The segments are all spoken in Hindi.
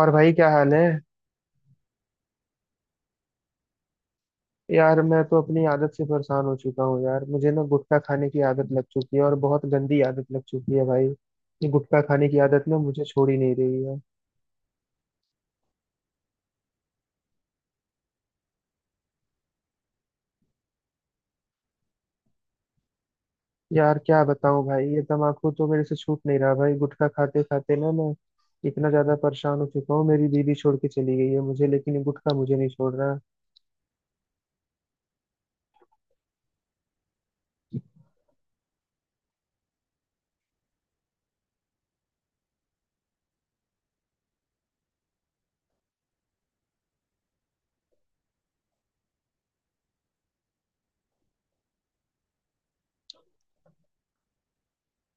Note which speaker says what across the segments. Speaker 1: और भाई क्या हाल है। यार मैं तो अपनी आदत से परेशान हो चुका हूँ यार, मुझे ना गुटखा खाने की आदत लग चुकी है और बहुत गंदी आदत लग चुकी है भाई। ये गुटखा खाने की आदत ना मुझे छोड़ ही नहीं रही है। यार क्या बताऊँ भाई, ये तम्बाकू तो मेरे से छूट नहीं रहा भाई। गुटखा खाते खाते ना मैं इतना ज्यादा परेशान हो चुका हूँ, मेरी दीदी छोड़ के चली गई है मुझे, लेकिन ये गुटखा मुझे नहीं छोड़ रहा।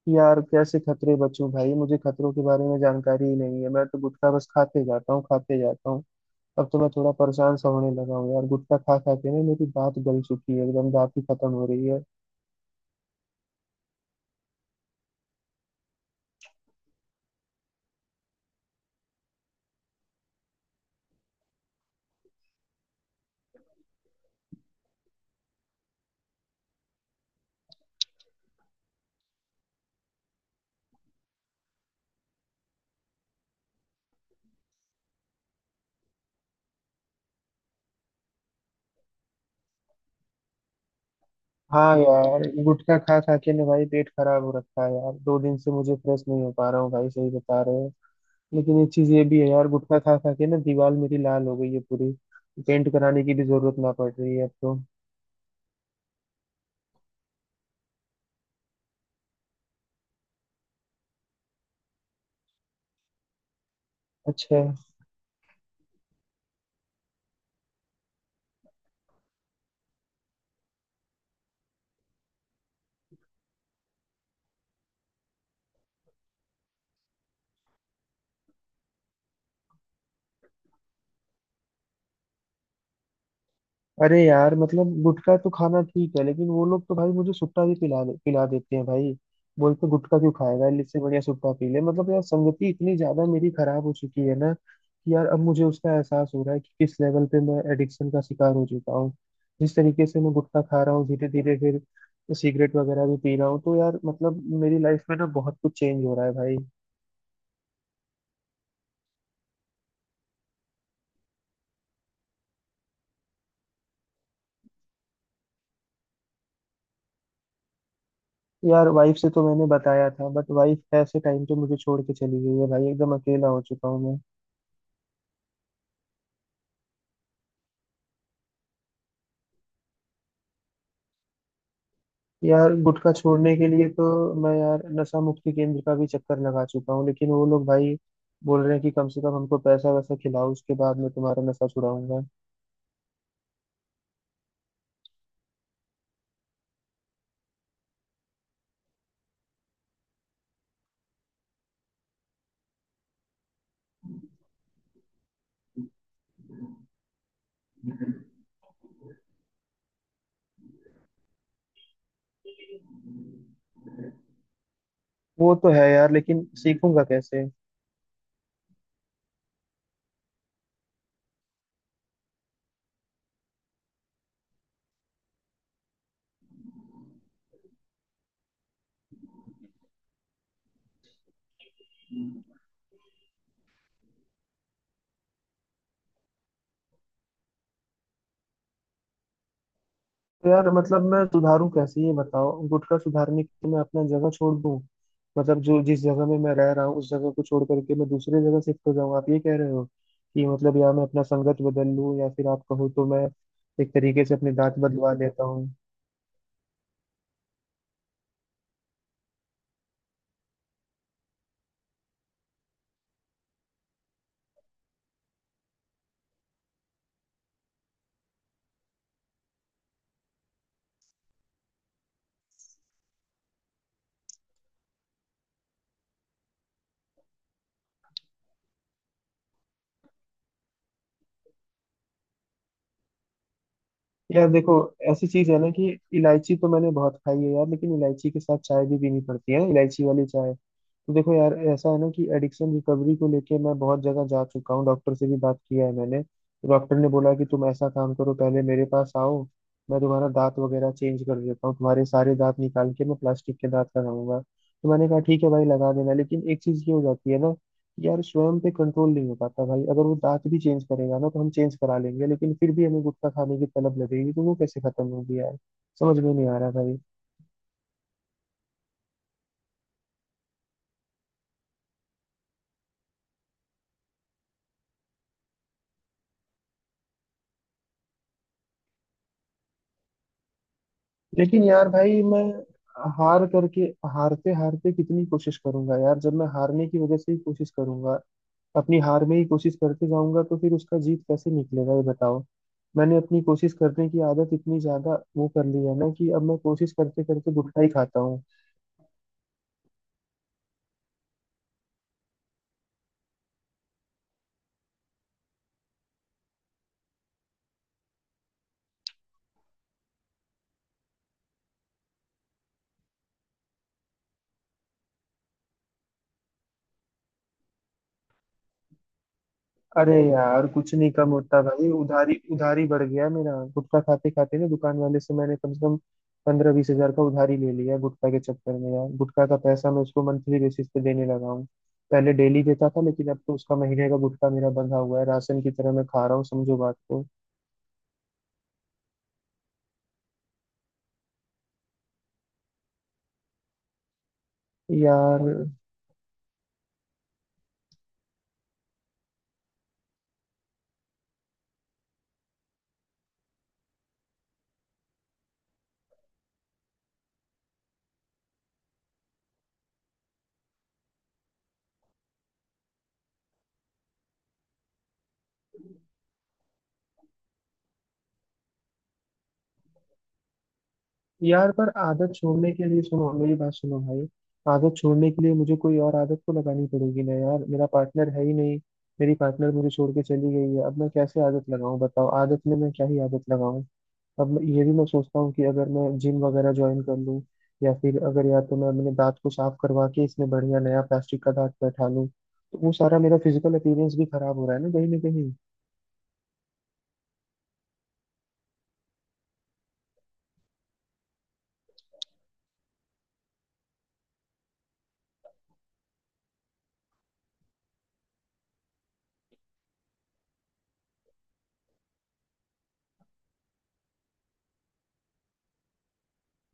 Speaker 1: यार कैसे खतरे बचूं भाई, मुझे खतरों के बारे में जानकारी ही नहीं है। मैं तो गुटखा बस खाते जाता हूँ, खाते जाता हूँ। अब तो मैं थोड़ा परेशान सा होने लगा हूँ यार, गुटखा खा खा के ना मेरी दांत गल चुकी है, एकदम दांत ही खत्म हो रही है। हाँ यार, गुटखा खा खा के ना भाई पेट खराब हो रखा है यार, दो दिन से मुझे फ्रेश नहीं हो पा रहा हूँ भाई, सही बता रहे हो। लेकिन एक चीज ये भी है यार, गुटखा खा खा के ना दीवार मेरी लाल हो गई है पूरी, पेंट कराने की भी जरूरत ना पड़ रही है अब तो। अच्छा। अरे यार, मतलब गुटखा तो खाना ठीक है, लेकिन वो लोग तो भाई मुझे सुट्टा भी पिला देते हैं भाई। बोलते गुटखा क्यों खाएगा, इससे बढ़िया सुट्टा पी ले। मतलब यार, संगति इतनी ज्यादा मेरी खराब हो चुकी है ना, कि यार अब मुझे उसका एहसास हो रहा है कि किस लेवल पे मैं एडिक्शन का शिकार हो चुका हूँ। जिस तरीके से मैं गुटखा खा रहा हूँ, धीरे धीरे फिर सिगरेट वगैरह भी पी रहा हूँ, तो यार मतलब मेरी लाइफ में ना बहुत कुछ चेंज हो रहा है भाई। यार वाइफ से तो मैंने बताया था, बट वाइफ ऐसे टाइम पे मुझे छोड़ के चली गई है भाई, एकदम अकेला हो चुका हूँ मैं। यार गुटखा छोड़ने के लिए तो मैं यार नशा मुक्ति केंद्र का भी चक्कर लगा चुका हूँ, लेकिन वो लोग भाई बोल रहे हैं कि कम से कम हमको पैसा वैसा खिलाओ, उसके बाद मैं तुम्हारा नशा छुड़ाऊंगा। वो तो है यार, लेकिन सीखूंगा कैसे। तो यार मतलब मैं सुधारूं कैसे ये बताओ। गुटखा सुधारने के लिए मैं अपना जगह छोड़ दूं? मतलब जो जिस जगह में मैं रह रहा हूँ उस जगह को छोड़ करके मैं दूसरे जगह शिफ्ट हो जाऊँ, आप ये कह रहे हो? कि मतलब या मैं अपना संगत बदल लूं, या फिर आप कहो तो मैं एक तरीके से अपने दांत बदलवा लेता हूँ। यार देखो, ऐसी चीज है ना कि इलायची तो मैंने बहुत खाई है यार, लेकिन इलायची के साथ चाय भी पीनी पड़ती है, इलायची वाली चाय। तो देखो यार, ऐसा है ना कि एडिक्शन रिकवरी को लेके मैं बहुत जगह जा चुका हूँ, डॉक्टर से भी बात किया है मैंने। डॉक्टर ने बोला कि तुम ऐसा काम करो, पहले मेरे पास आओ, मैं तुम्हारा दांत वगैरह चेंज कर देता हूँ, तुम्हारे सारे दांत निकाल के मैं प्लास्टिक के दांत लगाऊंगा। तो मैंने कहा ठीक है भाई लगा देना, लेकिन एक चीज ये हो जाती है ना कि यार स्वयं पे कंट्रोल नहीं हो पाता भाई। अगर वो दांत भी चेंज करेगा ना तो हम चेंज करा लेंगे, लेकिन फिर भी हमें गुटखा खाने की तलब लगेगी, तो वो कैसे खत्म होगी यार? समझ में नहीं आ रहा भाई। लेकिन यार भाई, मैं हार करके, हारते हारते कितनी कोशिश करूंगा यार? जब मैं हारने की वजह से ही कोशिश करूंगा, अपनी हार में ही कोशिश करते जाऊंगा, तो फिर उसका जीत कैसे निकलेगा ये बताओ। मैंने अपनी कोशिश करने की आदत इतनी ज्यादा वो कर ली है ना कि अब मैं कोशिश करते करते गुटखा ही खाता हूँ। अरे यार कुछ नहीं कम होता भाई, उधारी उधारी बढ़ गया मेरा। गुटखा खाते खाते ना दुकान वाले से मैंने कम से कम 15-20 हज़ार का उधारी ले लिया गुटखा के चक्कर में। यार गुटखा का पैसा मैं उसको मंथली बेसिस पे देने लगा हूँ, पहले डेली देता था, लेकिन अब तो उसका महीने का गुटखा मेरा बंधा हुआ है, राशन की तरह मैं खा रहा हूँ, समझो बात को। यार, यार पर आदत छोड़ने के लिए, सुनो मेरी बात सुनो भाई, आदत छोड़ने के लिए मुझे कोई और आदत तो लगानी पड़ेगी ना यार। मेरा पार्टनर है ही नहीं, मेरी पार्टनर मुझे छोड़ के चली गई है, अब मैं कैसे आदत लगाऊं बताओ, आदत में मैं क्या ही आदत लगाऊं। ये भी मैं सोचता हूँ कि अगर मैं जिम वगैरह ज्वाइन कर लूँ, या फिर अगर, या तो मैं अपने दांत को साफ करवा के इसमें बढ़िया नया प्लास्टिक का दांत बैठा लूँ, तो वो सारा मेरा फिजिकल अपीयरेंस भी खराब हो रहा है ना कहीं ना कहीं।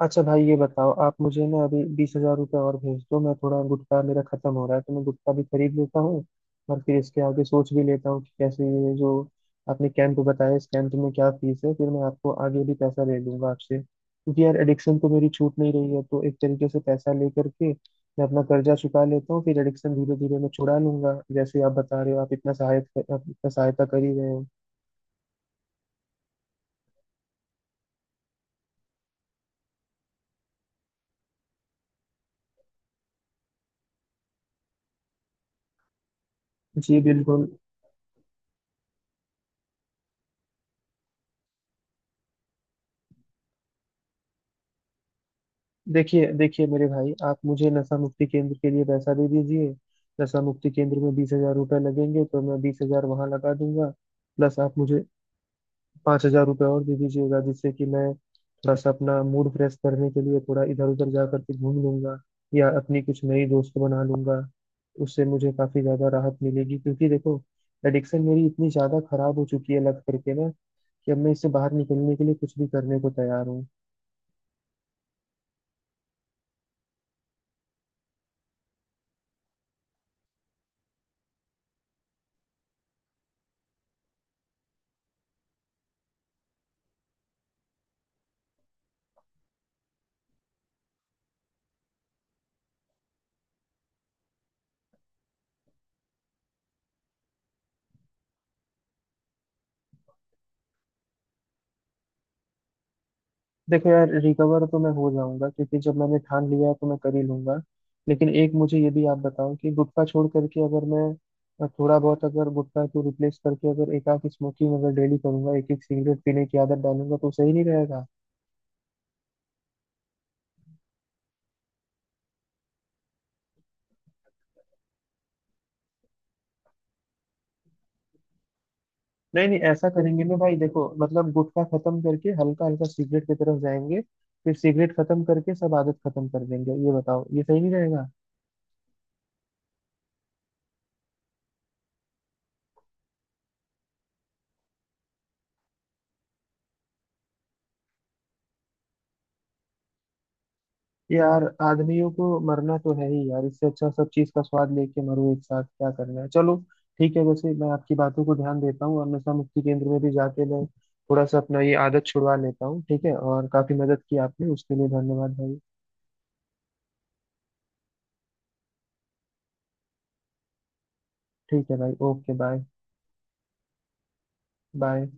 Speaker 1: अच्छा भाई, ये बताओ, आप मुझे ना अभी 20,000 रुपये और भेज दो, मैं थोड़ा गुटखा मेरा खत्म हो रहा है तो मैं गुटखा भी खरीद लेता हूँ, और फिर इसके आगे सोच भी लेता हूँ कि कैसे, ये जो आपने कैंप बताया, इस कैंप में क्या फीस है, फिर मैं आपको आगे भी पैसा दे दूंगा आपसे, क्योंकि यार एडिक्शन तो मेरी छूट नहीं रही है, तो एक तरीके से पैसा लेकर के मैं अपना कर्जा चुका लेता हूँ, फिर एडिक्शन धीरे धीरे मैं छुड़ा लूंगा जैसे आप बता रहे हो। आप इतना सहायता, आप इतना सहायता कर ही रहे हो। जी बिल्कुल। देखिए देखिए मेरे भाई, आप मुझे नशा मुक्ति केंद्र के लिए पैसा दे दीजिए। नशा मुक्ति केंद्र में 20,000 रुपये लगेंगे तो मैं 20,000 वहां लगा दूंगा, प्लस आप मुझे 5,000 रुपये और दे दीजिएगा, जिससे कि मैं थोड़ा सा अपना मूड फ्रेश करने के लिए थोड़ा इधर उधर जा करके घूम लूंगा, या अपनी कुछ नई दोस्त बना लूंगा। उससे मुझे काफी ज्यादा राहत मिलेगी, क्योंकि देखो एडिक्शन मेरी इतनी ज्यादा खराब हो चुकी है लग करके ना, कि अब मैं इससे बाहर निकलने के लिए कुछ भी करने को तैयार। देखो यार, रिकवर तो मैं हो जाऊंगा क्योंकि जब मैंने ठान लिया है तो मैं कर ही लूंगा, लेकिन एक मुझे ये भी आप बताओ कि गुटखा छोड़ करके अगर मैं थोड़ा बहुत, अगर गुटखा को रिप्लेस करके अगर एक आध स्मोकिंग अगर डेली करूंगा, एक एक सिगरेट पीने की आदत डालूंगा, तो सही नहीं रहेगा? नहीं नहीं, ऐसा करेंगे ना भाई, देखो मतलब गुटखा खत्म करके हल्का हल्का सिगरेट की तरफ जाएंगे, फिर सिगरेट खत्म करके सब आदत खत्म कर देंगे, ये बताओ ये सही नहीं रहेगा? यार आदमियों को मरना तो है ही यार, इससे अच्छा सब चीज का स्वाद लेके मरो, एक साथ क्या करना है, चलो ठीक है। वैसे मैं आपकी बातों को ध्यान देता हूँ और नशा मुक्ति केंद्र में भी जाके मैं थोड़ा सा अपना ये आदत छुड़वा लेता हूँ। ठीक है, और काफी मदद की आपने, उसके लिए धन्यवाद भाई। ठीक है भाई, ओके बाय। बाय।